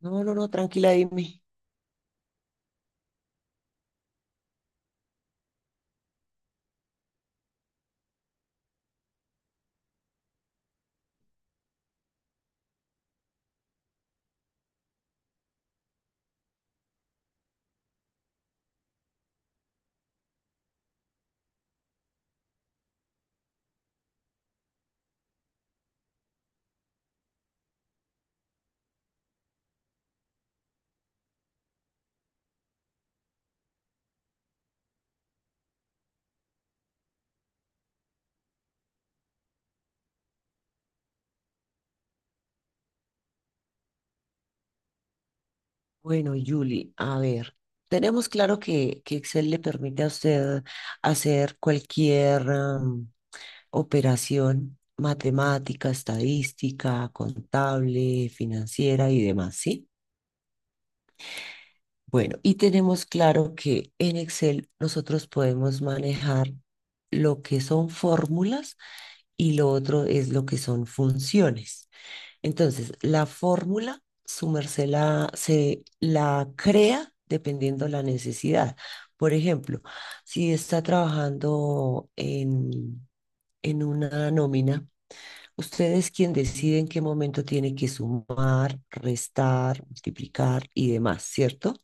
No, no, no, tranquila, dime. Bueno, Julie, a ver, tenemos claro que Excel le permite a usted hacer cualquier operación matemática, estadística, contable, financiera y demás, ¿sí? Bueno, y tenemos claro que en Excel nosotros podemos manejar lo que son fórmulas y lo otro es lo que son funciones. Entonces, la fórmula, se la crea dependiendo la necesidad. Por ejemplo, si está trabajando en una nómina, usted es quien decide en qué momento tiene que sumar, restar, multiplicar y demás, ¿cierto?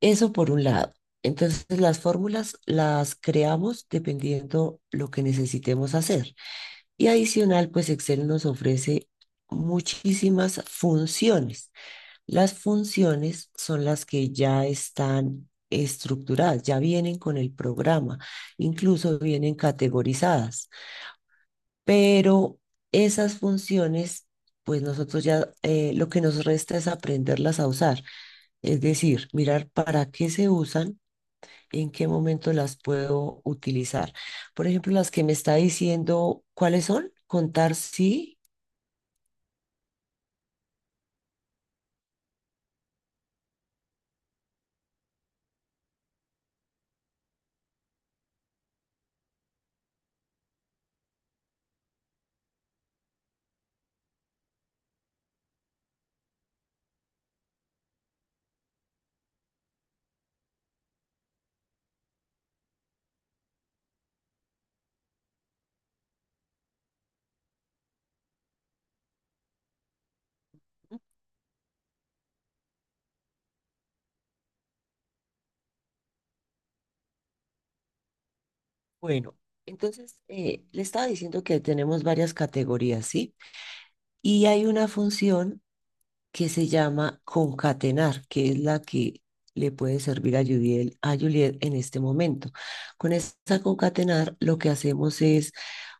Eso por un lado. Entonces, las fórmulas las creamos dependiendo lo que necesitemos hacer. Y adicional, pues Excel nos ofrece muchísimas funciones. Las funciones son las que ya están estructuradas, ya vienen con el programa, incluso vienen categorizadas, pero esas funciones, pues nosotros ya lo que nos resta es aprenderlas a usar, es decir, mirar para qué se usan, en qué momento las puedo utilizar. Por ejemplo, las que me está diciendo cuáles son, contar sí. Bueno, entonces le estaba diciendo que tenemos varias categorías, ¿sí? Y hay una función que se llama concatenar, que es la que le puede servir a Juliet en este momento. Con esta concatenar, lo que hacemos es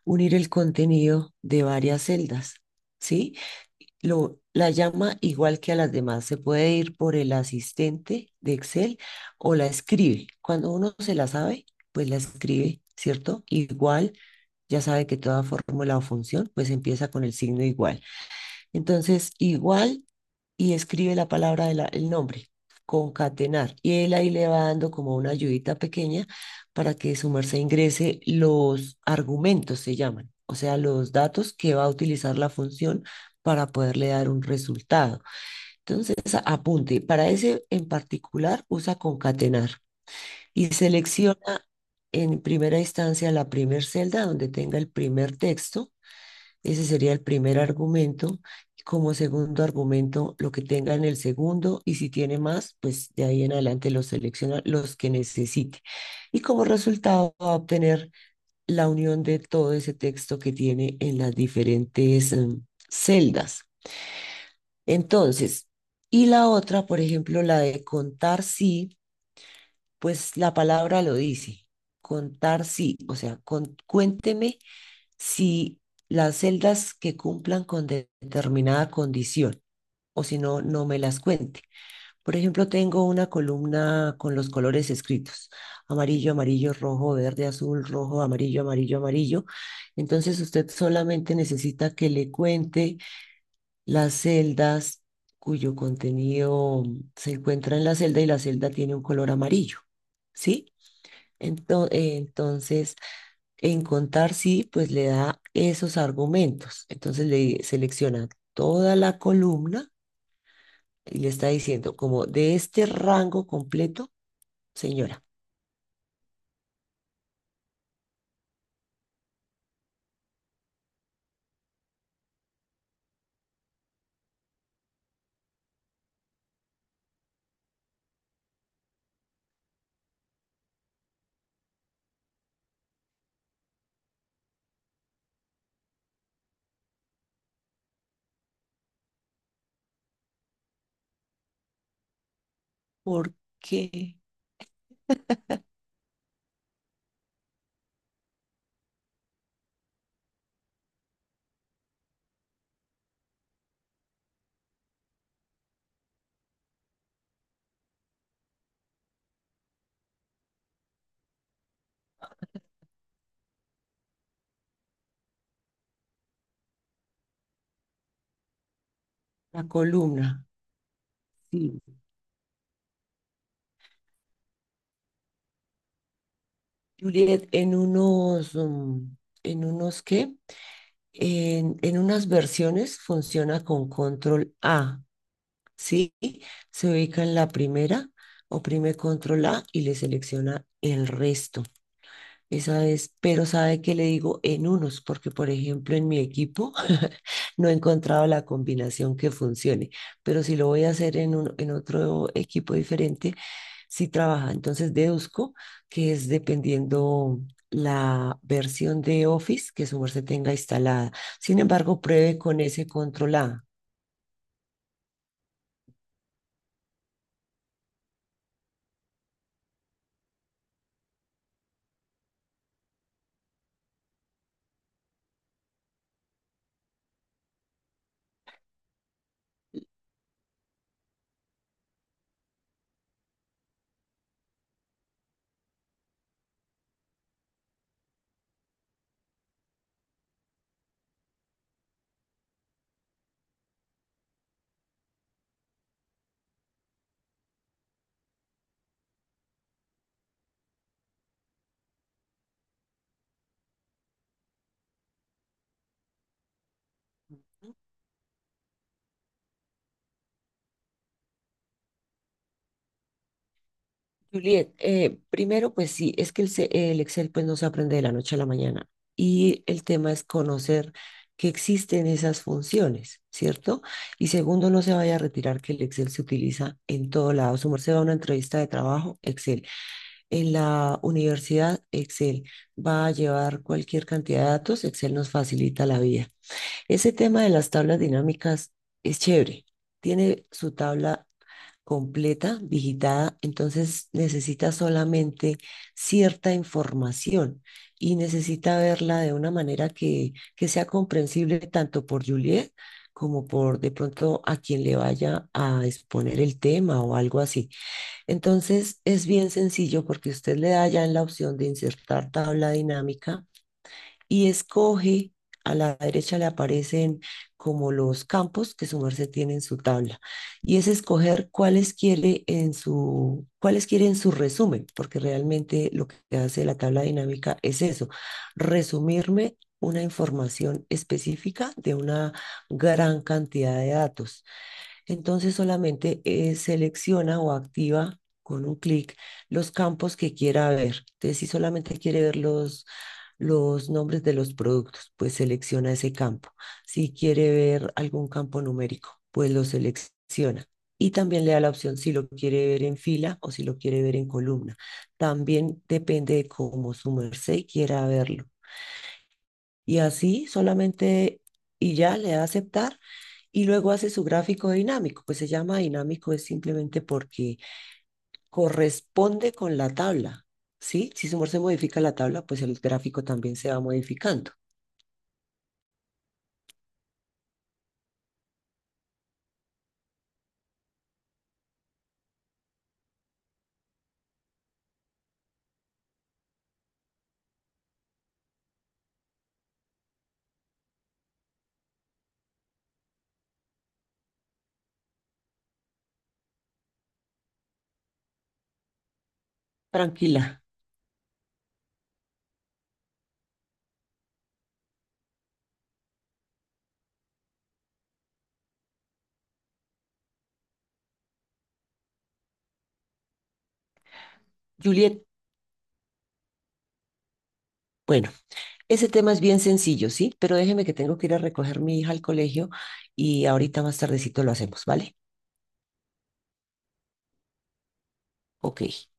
unir el contenido de varias celdas, ¿sí? La llama igual que a las demás. Se puede ir por el asistente de Excel o la escribe. Cuando uno se la sabe, pues la escribe, ¿cierto? Igual, ya sabe que toda fórmula o función, pues empieza con el signo igual. Entonces, igual y escribe la palabra del el nombre, concatenar. Y él ahí le va dando como una ayudita pequeña para que su merced ingrese los argumentos, se llaman, o sea, los datos que va a utilizar la función para poderle dar un resultado. Entonces, apunte, para ese en particular usa concatenar y selecciona en primera instancia la primera celda donde tenga el primer texto, ese sería el primer argumento. Como segundo argumento, lo que tenga en el segundo y si tiene más, pues de ahí en adelante los selecciona los que necesite. Y como resultado va a obtener la unión de todo ese texto que tiene en las diferentes celdas. Entonces, y la otra, por ejemplo, la de contar sí, pues la palabra lo dice, contar sí, o sea, cuénteme si las celdas que cumplan con determinada condición o si no, no me las cuente. Por ejemplo, tengo una columna con los colores escritos, amarillo, amarillo, rojo, verde, azul, rojo, amarillo, amarillo, amarillo. Entonces usted solamente necesita que le cuente las celdas cuyo contenido se encuentra en la celda y la celda tiene un color amarillo, ¿sí? Entonces, en contar sí, pues le da esos argumentos. Entonces le selecciona toda la columna y le está diciendo, como de este rango completo, señora, ¿por qué la columna? Sí. Juliet, en unos, mm, en unos qué? En unas versiones funciona con control A, ¿sí? Se ubica en la primera, oprime control A y le selecciona el resto. Esa es, pero sabe que le digo en unos, porque por ejemplo en mi equipo no he encontrado la combinación que funcione, pero si lo voy a hacer en otro equipo diferente, sí trabaja. Entonces deduzco que es dependiendo la versión de Office que su merced tenga instalada. Sin embargo, pruebe con ese control A. Juliet, primero, pues sí, es que el Excel pues no se aprende de la noche a la mañana y el tema es conocer que existen esas funciones, ¿cierto? Y segundo, no se vaya a retirar que el Excel se utiliza en todo lado. Su merced va a una entrevista de trabajo, Excel. En la universidad, Excel. Va a llevar cualquier cantidad de datos, Excel nos facilita la vida. Ese tema de las tablas dinámicas es chévere. Tiene su tabla completa, digitada, entonces necesita solamente cierta información y necesita verla de una manera que sea comprensible tanto por Juliet como por de pronto a quien le vaya a exponer el tema o algo así. Entonces es bien sencillo porque usted le da ya en la opción de insertar tabla dinámica y escoge, a la derecha le aparecen como los campos que su merced tiene en su tabla, y es escoger cuáles quiere en cuáles quiere en su resumen, porque realmente lo que hace la tabla dinámica es eso, resumirme una información específica de una gran cantidad de datos. Entonces solamente selecciona o activa con un clic los campos que quiera ver. Entonces, si solamente quiere ver los nombres de los productos, pues selecciona ese campo. Si quiere ver algún campo numérico, pues lo selecciona. Y también le da la opción si lo quiere ver en fila o si lo quiere ver en columna. También depende de cómo su merced quiera verlo. Y así solamente y ya le da aceptar y luego hace su gráfico dinámico. Pues se llama dinámico es simplemente porque corresponde con la tabla, ¿sí? Si su humor se modifica la tabla, pues el gráfico también se va modificando. Tranquila. Juliet, bueno, ese tema es bien sencillo, ¿sí? Pero déjeme que tengo que ir a recoger a mi hija al colegio y ahorita más tardecito lo hacemos, ¿vale? Ok.